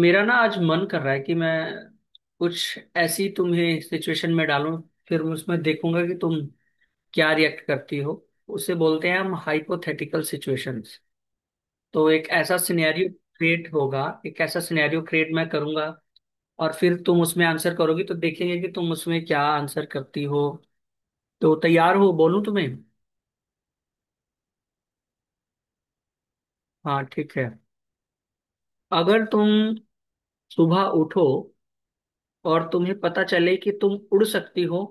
मेरा ना आज मन कर रहा है कि मैं कुछ ऐसी तुम्हें सिचुएशन में डालूं। फिर मैं उसमें देखूंगा कि तुम क्या रिएक्ट करती हो। उसे बोलते हैं हम हाइपोथेटिकल सिचुएशंस। तो एक ऐसा सिनेरियो क्रिएट होगा, एक ऐसा सिनेरियो क्रिएट मैं करूंगा और फिर तुम उसमें आंसर करोगी, तो देखेंगे कि तुम उसमें क्या आंसर करती हो। तो तैयार हो, बोलूं तुम्हें? हाँ ठीक है। अगर तुम सुबह उठो और तुम्हें पता चले कि तुम उड़ सकती हो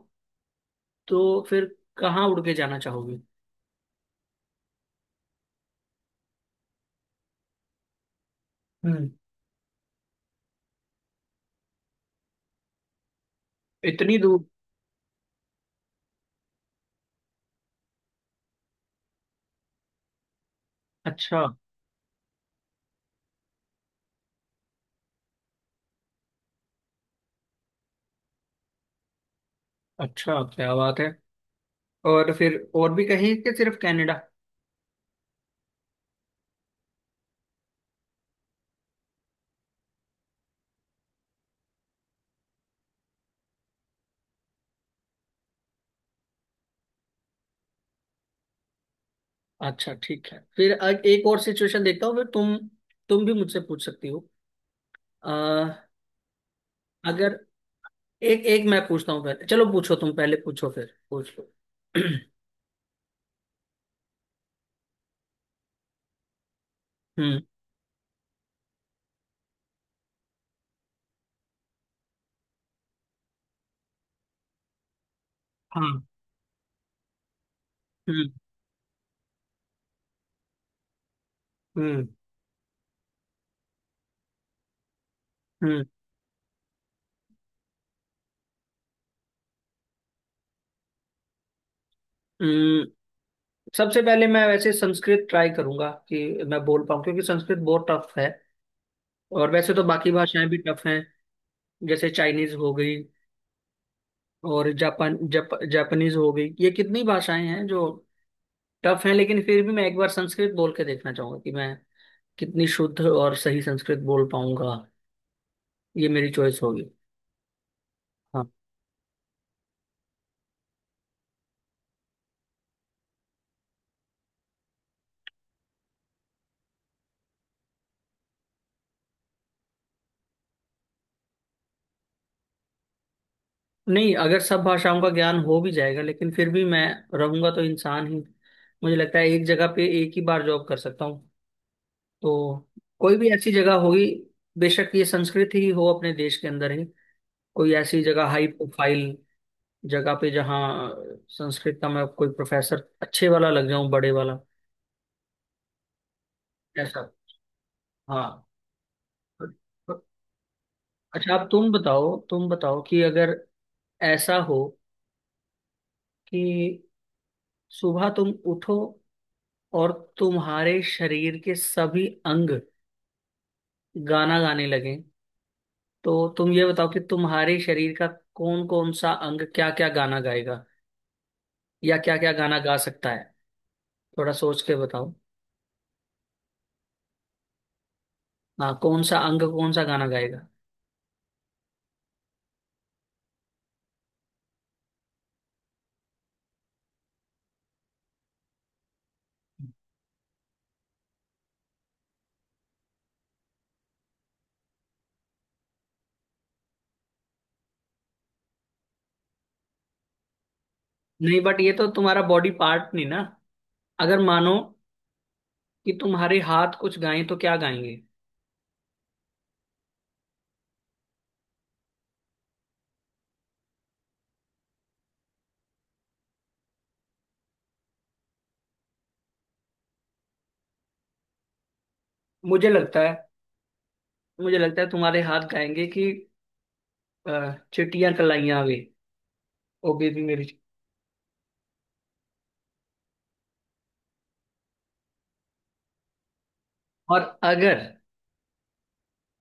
तो फिर कहाँ उड़ के जाना चाहोगी? हम्म। इतनी दूर? अच्छा। अच्छा, क्या बात है। और फिर और भी कहीं कि सिर्फ कनाडा? अच्छा ठीक है। फिर एक और सिचुएशन देखता हूँ, फिर तुम भी मुझसे पूछ सकती हो। अ, अगर, एक एक मैं पूछता हूँ पहले, चलो पूछो, तुम पहले पूछो, फिर पूछ लो। हम्म। हाँ। हम्म। हम्म। हम्म। हम्म। सबसे पहले मैं वैसे संस्कृत ट्राई करूंगा कि मैं बोल पाऊँ क्योंकि संस्कृत बहुत टफ है। और वैसे तो बाकी भाषाएं भी टफ हैं, जैसे चाइनीज हो गई और जापानीज हो गई, ये कितनी भाषाएं हैं जो टफ हैं। लेकिन फिर भी मैं एक बार संस्कृत बोल के देखना चाहूंगा कि मैं कितनी शुद्ध और सही संस्कृत बोल पाऊंगा। ये मेरी चॉइस होगी। हाँ। नहीं, अगर सब भाषाओं का ज्ञान हो भी जाएगा लेकिन फिर भी मैं रहूंगा तो इंसान ही। मुझे लगता है एक जगह पे एक ही बार जॉब कर सकता हूँ। तो कोई भी ऐसी जगह होगी, बेशक ये संस्कृत ही हो, अपने देश के अंदर ही कोई ऐसी जगह, हाई प्रोफाइल जगह पे, जहाँ संस्कृत का मैं कोई प्रोफेसर अच्छे वाला लग जाऊं, बड़े वाला ऐसा। हाँ। अच्छा, आप, तुम बताओ, तुम बताओ कि अगर ऐसा हो कि सुबह तुम उठो और तुम्हारे शरीर के सभी अंग गाना गाने लगें, तो तुम ये बताओ कि तुम्हारे शरीर का कौन कौन सा अंग क्या क्या गाना गाएगा या क्या क्या गाना गा सकता है। थोड़ा सोच के बताओ। हाँ, कौन सा अंग कौन सा गाना गाएगा? नहीं बट ये तो तुम्हारा बॉडी पार्ट नहीं ना। अगर मानो कि तुम्हारे हाथ कुछ गाएं तो क्या गाएंगे? मुझे लगता है, मुझे लगता है तुम्हारे हाथ गाएंगे कि अ, चिट्टियां कलाइयां वे, ओ बेबी मेरी। और अगर,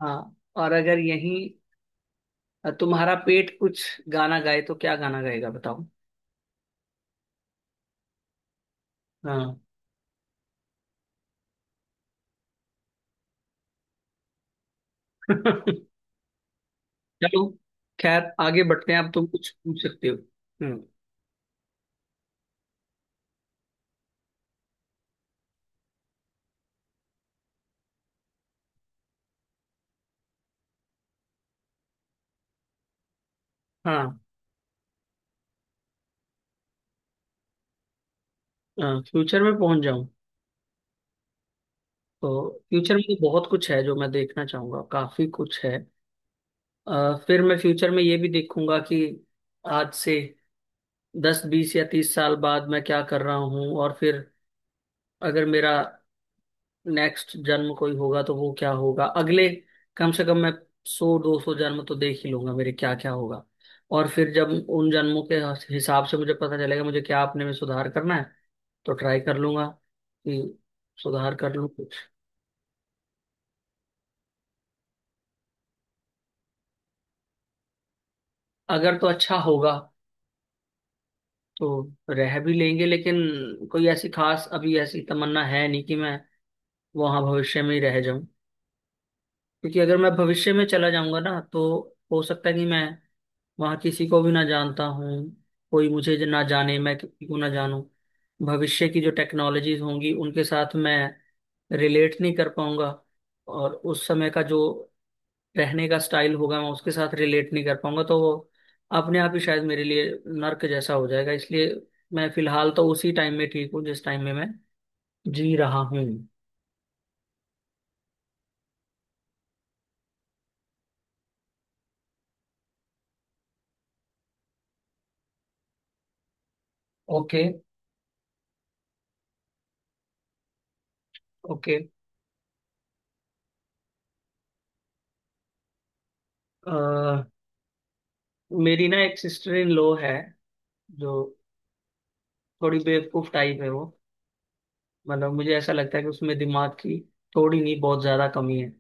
हाँ, और अगर यही तुम्हारा पेट कुछ गाना गाए तो क्या गाना गाएगा बताओ? हाँ। चलो खैर आगे बढ़ते हैं। अब तुम कुछ पूछ सकते हो। हम्म। हाँ। फ्यूचर में पहुंच जाऊं? तो फ्यूचर में तो बहुत कुछ है जो मैं देखना चाहूंगा, काफी कुछ है। फिर मैं फ्यूचर में ये भी देखूंगा कि आज से 10 20 या 30 साल बाद मैं क्या कर रहा हूँ, और फिर अगर मेरा नेक्स्ट जन्म कोई होगा तो वो क्या होगा। अगले, कम से कम मैं 100 200 जन्म तो देख ही लूंगा मेरे क्या क्या होगा। और फिर जब उन जन्मों के हिसाब से मुझे पता चलेगा मुझे क्या अपने में सुधार करना है तो ट्राई कर लूंगा कि सुधार कर लूं कुछ। अगर तो अच्छा होगा तो रह भी लेंगे, लेकिन कोई ऐसी खास अभी ऐसी तमन्ना है नहीं कि मैं वहां भविष्य में ही रह जाऊं। क्योंकि अगर मैं भविष्य में चला जाऊंगा ना, तो हो सकता है कि मैं वहां किसी को भी ना जानता हूँ, कोई मुझे ना जाने, मैं किसी को ना जानूं। भविष्य की जो टेक्नोलॉजीज होंगी उनके साथ मैं रिलेट नहीं कर पाऊंगा, और उस समय का जो रहने का स्टाइल होगा मैं उसके साथ रिलेट नहीं कर पाऊंगा, तो वो अपने आप ही शायद मेरे लिए नर्क जैसा हो जाएगा। इसलिए मैं फिलहाल तो उसी टाइम में ठीक हूँ जिस टाइम में मैं जी रहा हूँ। ओके। ओके। मेरी ना एक सिस्टर इन लॉ है, जो थोड़ी बेवकूफ टाइप है वो। मतलब मुझे ऐसा लगता है कि उसमें दिमाग की थोड़ी नहीं बहुत ज्यादा कमी है,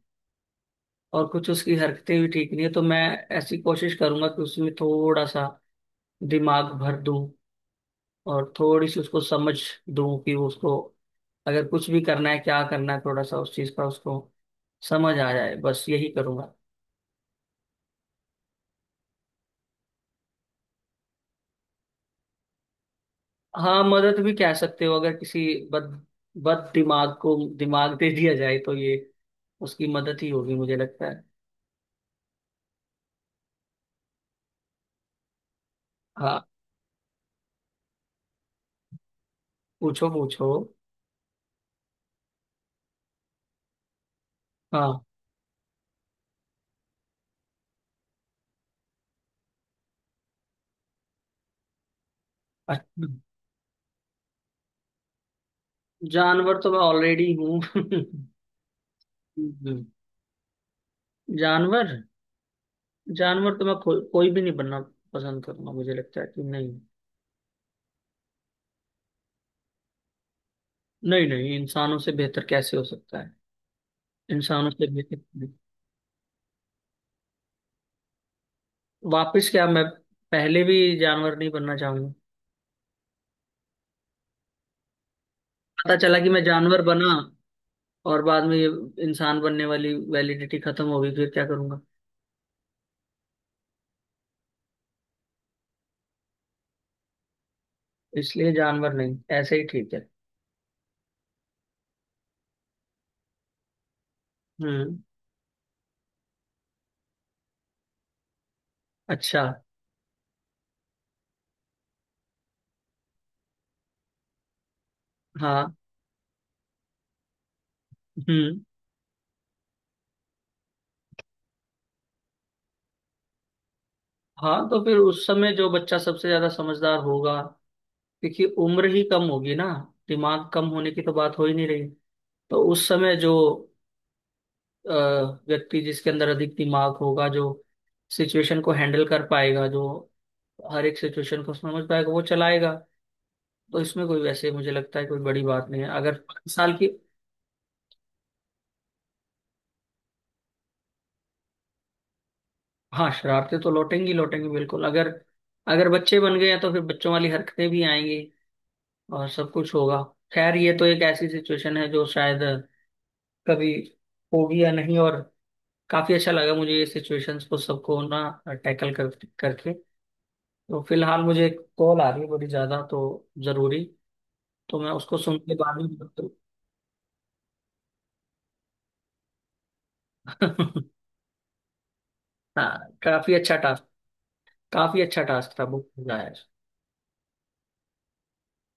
और कुछ उसकी हरकतें भी ठीक नहीं है, तो मैं ऐसी कोशिश करूंगा कि उसमें थोड़ा सा दिमाग भर दूं, और थोड़ी सी उसको समझ दूं कि वो, उसको अगर कुछ भी करना है क्या करना है, थोड़ा सा उस चीज का उसको समझ आ जाए, बस यही करूंगा। हाँ, मदद भी कह सकते हो, अगर किसी बद बद दिमाग को दिमाग दे दिया जाए तो ये उसकी मदद ही होगी, मुझे लगता है। हाँ। पूछो पूछो। हाँ। अच्छा, जानवर तो मैं ऑलरेडी हूँ। हम्म, जानवर, जानवर तो मैं कोई भी नहीं बनना पसंद करूंगा, मुझे लगता है कि नहीं। नहीं नहीं, इंसानों से बेहतर कैसे हो सकता है? इंसानों से बेहतर। वापस क्या, मैं पहले भी जानवर नहीं बनना चाहूंगा। पता चला कि मैं जानवर बना और बाद में ये इंसान बनने वाली वैलिडिटी खत्म होगी, फिर क्या करूंगा? इसलिए जानवर नहीं, ऐसे ही ठीक है। हम्म। अच्छा। हाँ। हम्म। हाँ तो फिर उस समय जो बच्चा सबसे ज्यादा समझदार होगा, क्योंकि उम्र ही कम होगी ना, दिमाग कम होने की तो बात हो ही नहीं रही। तो उस समय जो अ, व्यक्ति जिसके अंदर अधिक दिमाग होगा, जो सिचुएशन को हैंडल कर पाएगा, जो हर एक सिचुएशन को समझ पाएगा, वो चलाएगा। तो इसमें कोई, वैसे मुझे लगता है कोई बड़ी बात नहीं है अगर 5 साल की। हाँ, शरारतें तो लौटेंगी लौटेंगी बिल्कुल। अगर अगर बच्चे बन गए हैं तो फिर बच्चों वाली हरकतें भी आएंगी और सब कुछ होगा। खैर ये तो एक ऐसी सिचुएशन है जो शायद कभी होगी या नहीं, और काफी अच्छा लगा मुझे ये सिचुएशंस को सबको ना टैकल कर करके। तो फिलहाल मुझे एक कॉल आ रही है बड़ी ज्यादा तो जरूरी, तो मैं उसको सुन के बाद में। हाँ काफी अच्छा टास्क। काफी अच्छा टास्क था, बुक हो जाए।